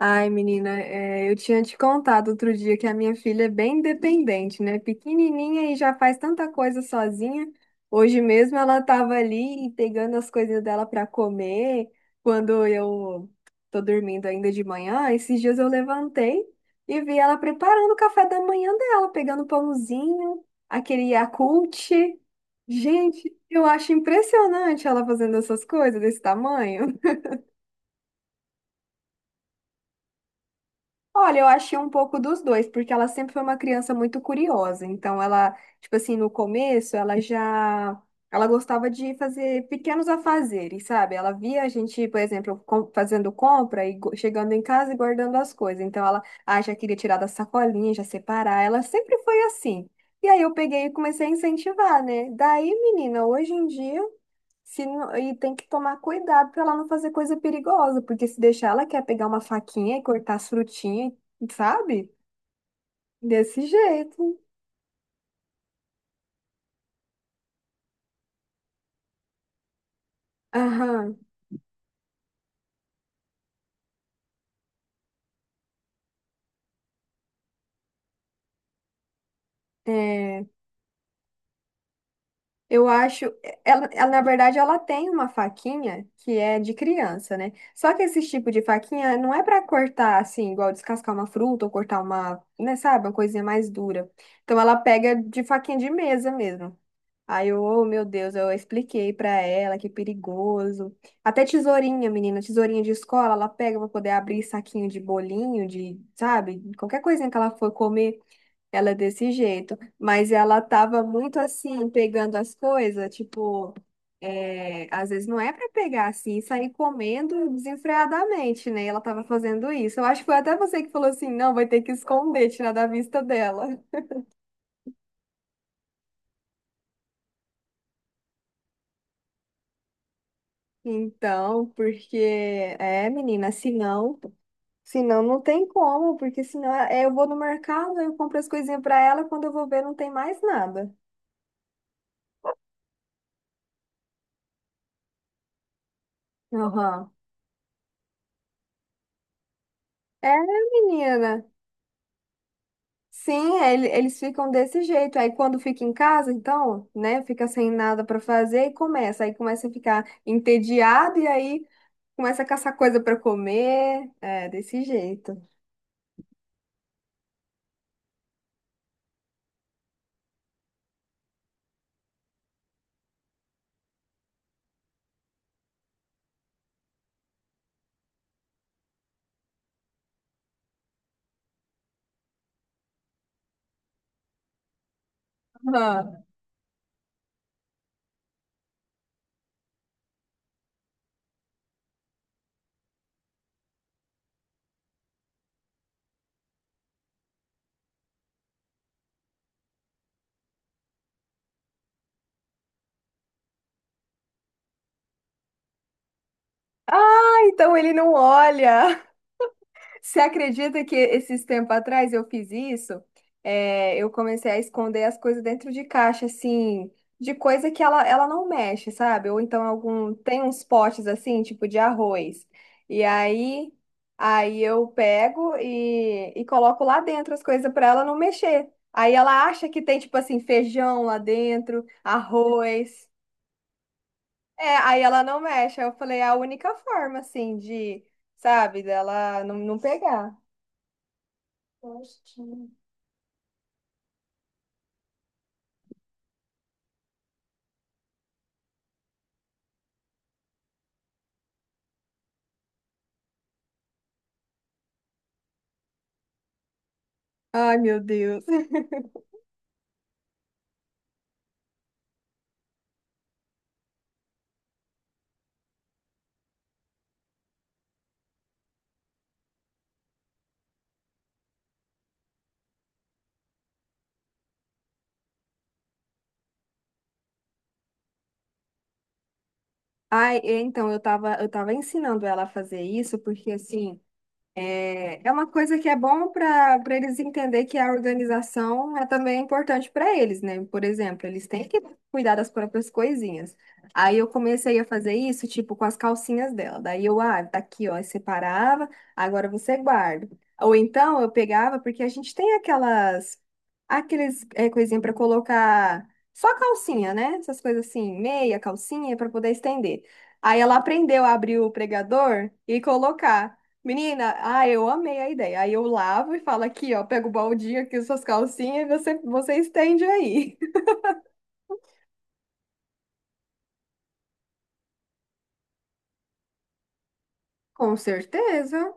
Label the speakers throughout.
Speaker 1: Ai, menina, é, eu tinha te contado outro dia que a minha filha é bem independente, né? Pequenininha e já faz tanta coisa sozinha. Hoje mesmo ela estava ali e pegando as coisas dela para comer. Quando eu tô dormindo ainda de manhã, esses dias eu levantei e vi ela preparando o café da manhã dela, pegando pãozinho, aquele Yakult. Gente, eu acho impressionante ela fazendo essas coisas desse tamanho. Olha, eu achei um pouco dos dois, porque ela sempre foi uma criança muito curiosa. Então, ela, tipo assim, no começo, ela já. Ela gostava de fazer pequenos afazeres, sabe? Ela via a gente, por exemplo, fazendo compra e chegando em casa e guardando as coisas. Então, ela, ah, já queria tirar da sacolinha, já separar. Ela sempre foi assim. E aí, eu peguei e comecei a incentivar, né? Daí, menina, hoje em dia. Se não- E tem que tomar cuidado para ela não fazer coisa perigosa, porque se deixar ela quer pegar uma faquinha e cortar as frutinhas, sabe? Desse jeito. Aham. É, eu acho. Ela, na verdade, ela tem uma faquinha que é de criança, né? Só que esse tipo de faquinha não é para cortar assim, igual descascar uma fruta ou cortar uma, né, sabe? Uma coisinha mais dura. Então ela pega de faquinha de mesa mesmo. Aí eu, oh, meu Deus, eu expliquei pra ela que é perigoso. Até tesourinha, menina, tesourinha de escola, ela pega pra poder abrir saquinho de bolinho, de, sabe? Qualquer coisinha que ela for comer, ela é desse jeito. Mas ela tava muito assim, pegando as coisas, tipo, é, às vezes não é pra pegar assim, e sair comendo desenfreadamente, né? E ela tava fazendo isso. Eu acho que foi até você que falou assim, não, vai ter que esconder, tirar da vista dela. Então, porque, é, menina, se não. Senão não tem como, porque senão é, eu vou no mercado, eu compro as coisinhas para ela, quando eu vou ver não tem mais nada. Aham. É, menina. Sim, é, eles ficam desse jeito. Aí quando fica em casa, então, né, fica sem nada para fazer e começa. Aí começa a ficar entediado e aí começa a caçar coisa para comer. É, desse jeito. Aham. Ah, então ele não olha. Você acredita que esses tempos atrás eu fiz isso? É, eu comecei a esconder as coisas dentro de caixa, assim, de coisa que ela não mexe, sabe? Ou então algum, tem uns potes assim, tipo de arroz. E aí, aí eu pego e, coloco lá dentro as coisas para ela não mexer. Aí ela acha que tem, tipo assim, feijão lá dentro, arroz. É, aí ela não mexe. Aí eu falei, é a única forma, assim, de, sabe, dela não, não pegar. Postinho. Ai, meu Deus. Ai, é, então, eu tava ensinando ela a fazer isso, porque assim. É, é uma coisa que é bom para eles entender que a organização é também importante para eles, né? Por exemplo, eles têm que cuidar das próprias coisinhas. Aí eu comecei a fazer isso, tipo, com as calcinhas dela. Daí eu, ah, tá aqui, ó, eu separava, agora você guarda. Ou então eu pegava, porque a gente tem aquelas, aqueles, é, coisinha para colocar só calcinha, né? Essas coisas assim, meia calcinha para poder estender. Aí ela aprendeu a abrir o pregador e colocar. Menina, ah, eu amei a ideia. Aí eu lavo e falo aqui, ó, pega o baldinho aqui, suas calcinhas, e você, você estende aí. Com certeza.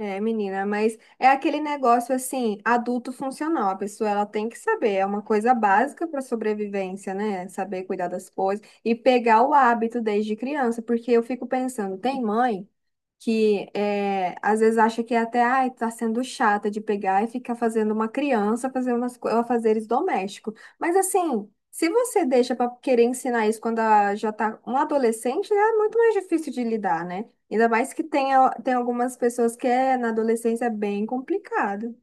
Speaker 1: É, menina, mas é aquele negócio assim, adulto funcional. A pessoa ela tem que saber, é uma coisa básica para sobrevivência, né? Saber cuidar das coisas e pegar o hábito desde criança, porque eu fico pensando, tem mãe que é, às vezes acha que é até ai, tá sendo chata de pegar e ficar fazendo uma criança fazer umas afazeres domésticos. Mas assim, se você deixa para querer ensinar isso quando ela já tá um adolescente, é muito mais difícil de lidar, né? Ainda mais que tem, tem algumas pessoas que é, na adolescência é bem complicado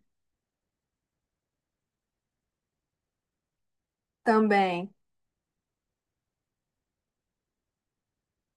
Speaker 1: também.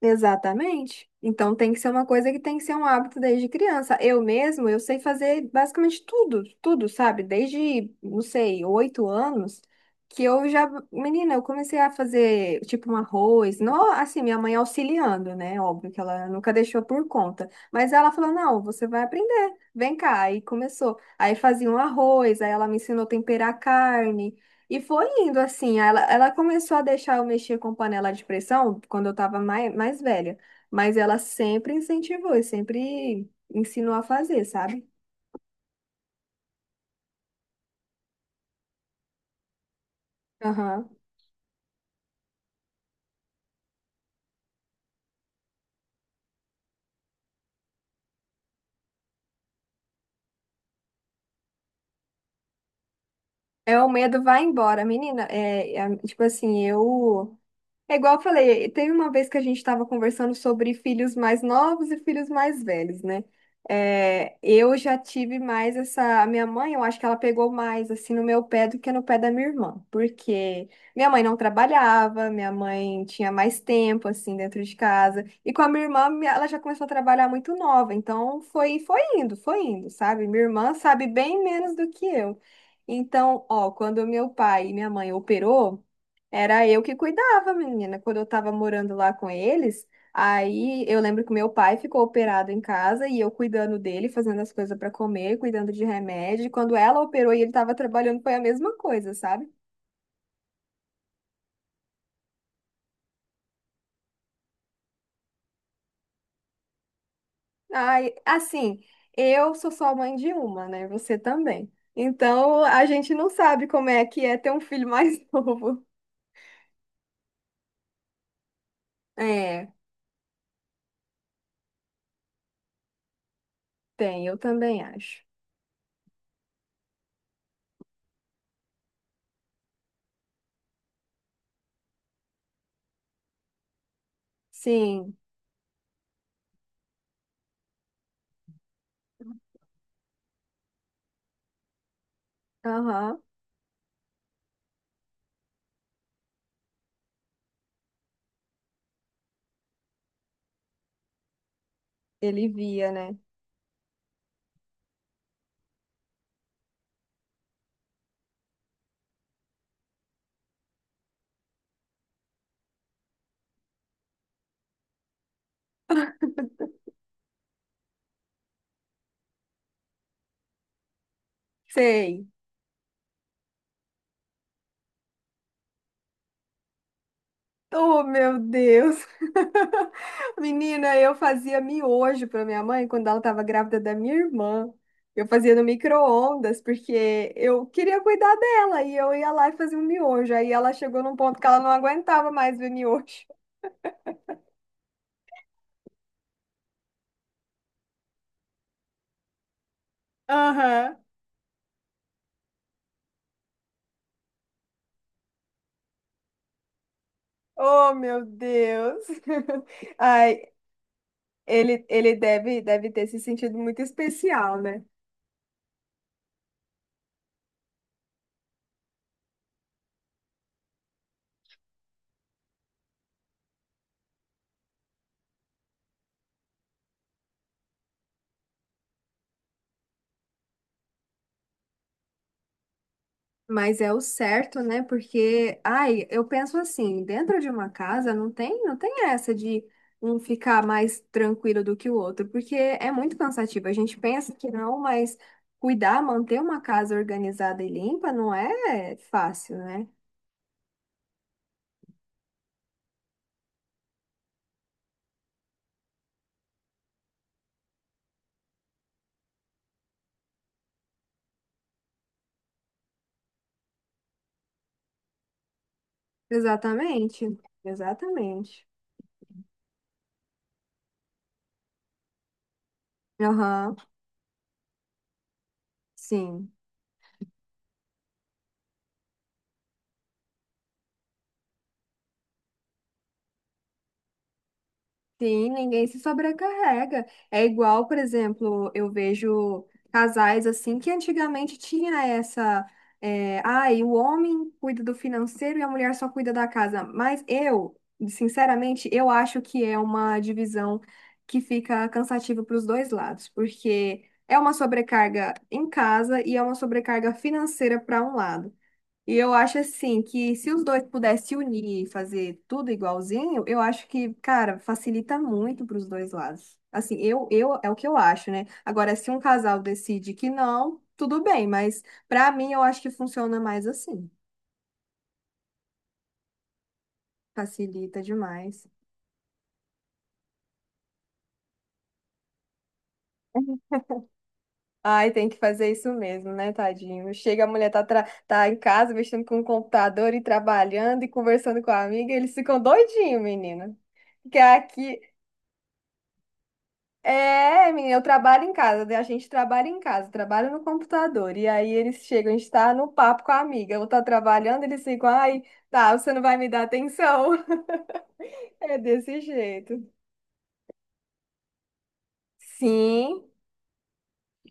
Speaker 1: Exatamente. Então tem que ser uma coisa que tem que ser um hábito desde criança. Eu mesmo, eu sei fazer basicamente tudo, tudo, sabe? Desde, não sei, 8 anos, que eu já, menina, eu comecei a fazer tipo um arroz, não, assim, minha mãe auxiliando, né? Óbvio que ela nunca deixou por conta, mas ela falou: "Não, você vai aprender. Vem cá". Aí começou. Aí fazia um arroz, aí ela me ensinou a temperar carne. E foi indo assim, ela começou a deixar eu mexer com panela de pressão quando eu estava mais velha, mas ela sempre incentivou e sempre ensinou a fazer, sabe? Aham. É, o medo vai embora, menina. É, tipo assim, eu É igual eu falei, teve uma vez que a gente estava conversando sobre filhos mais novos e filhos mais velhos, né? É, eu já tive mais essa. A minha mãe, eu acho que ela pegou mais assim no meu pé do que no pé da minha irmã, porque minha mãe não trabalhava, minha mãe tinha mais tempo assim dentro de casa, e com a minha irmã, ela já começou a trabalhar muito nova, então foi, foi indo, sabe? Minha irmã sabe bem menos do que eu. Então, ó, quando meu pai e minha mãe operou. Era eu que cuidava, menina. Quando eu tava morando lá com eles, aí eu lembro que meu pai ficou operado em casa e eu cuidando dele, fazendo as coisas para comer, cuidando de remédio. E quando ela operou e ele tava trabalhando, foi a mesma coisa, sabe? Ai, assim, eu sou só mãe de uma, né? Você também. Então, a gente não sabe como é que é ter um filho mais novo. É, tem, eu também acho. Sim, aham, ele via, né? Sei. Oh, meu Deus! Menina, eu fazia miojo para minha mãe quando ela estava grávida da minha irmã. Eu fazia no micro-ondas, porque eu queria cuidar dela, e eu ia lá e fazia um miojo. Aí ela chegou num ponto que ela não aguentava mais ver miojo. Aham. Oh, meu Deus. Ai, ele deve ter se sentido muito especial, né? Mas é o certo, né? Porque, ai, eu penso assim, dentro de uma casa não tem essa de um ficar mais tranquilo do que o outro, porque é muito cansativo. A gente pensa que não, mas cuidar, manter uma casa organizada e limpa não é fácil, né? Exatamente, exatamente. Aham, sim. Sim, ninguém se sobrecarrega. É igual, por exemplo, eu vejo casais assim que antigamente tinha essa. É, ai, o homem cuida do financeiro e a mulher só cuida da casa. Mas eu, sinceramente, eu acho que é uma divisão que fica cansativa para os dois lados, porque é uma sobrecarga em casa e é uma sobrecarga financeira para um lado. E eu acho assim que se os dois pudessem se unir e fazer tudo igualzinho, eu acho que, cara, facilita muito para os dois lados. Assim, eu é o que eu acho, né? Agora, se um casal decide que não, tudo bem, mas para mim eu acho que funciona mais assim. Facilita demais. Ai, tem que fazer isso mesmo, né, tadinho? Chega, a mulher tá, tá em casa mexendo com o computador e trabalhando e conversando com a amiga, eles ficam doidinhos, menina. Que aqui É, menina, eu trabalho em casa, né? A gente trabalha em casa, trabalha no computador. E aí eles chegam, a gente tá no papo com a amiga, ou tá trabalhando, eles ficam, ai, tá, você não vai me dar atenção. É desse jeito. Sim,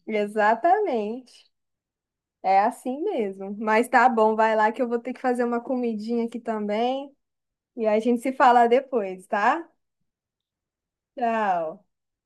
Speaker 1: exatamente. É assim mesmo. Mas tá bom, vai lá que eu vou ter que fazer uma comidinha aqui também. E aí a gente se fala depois, tá? Tchau.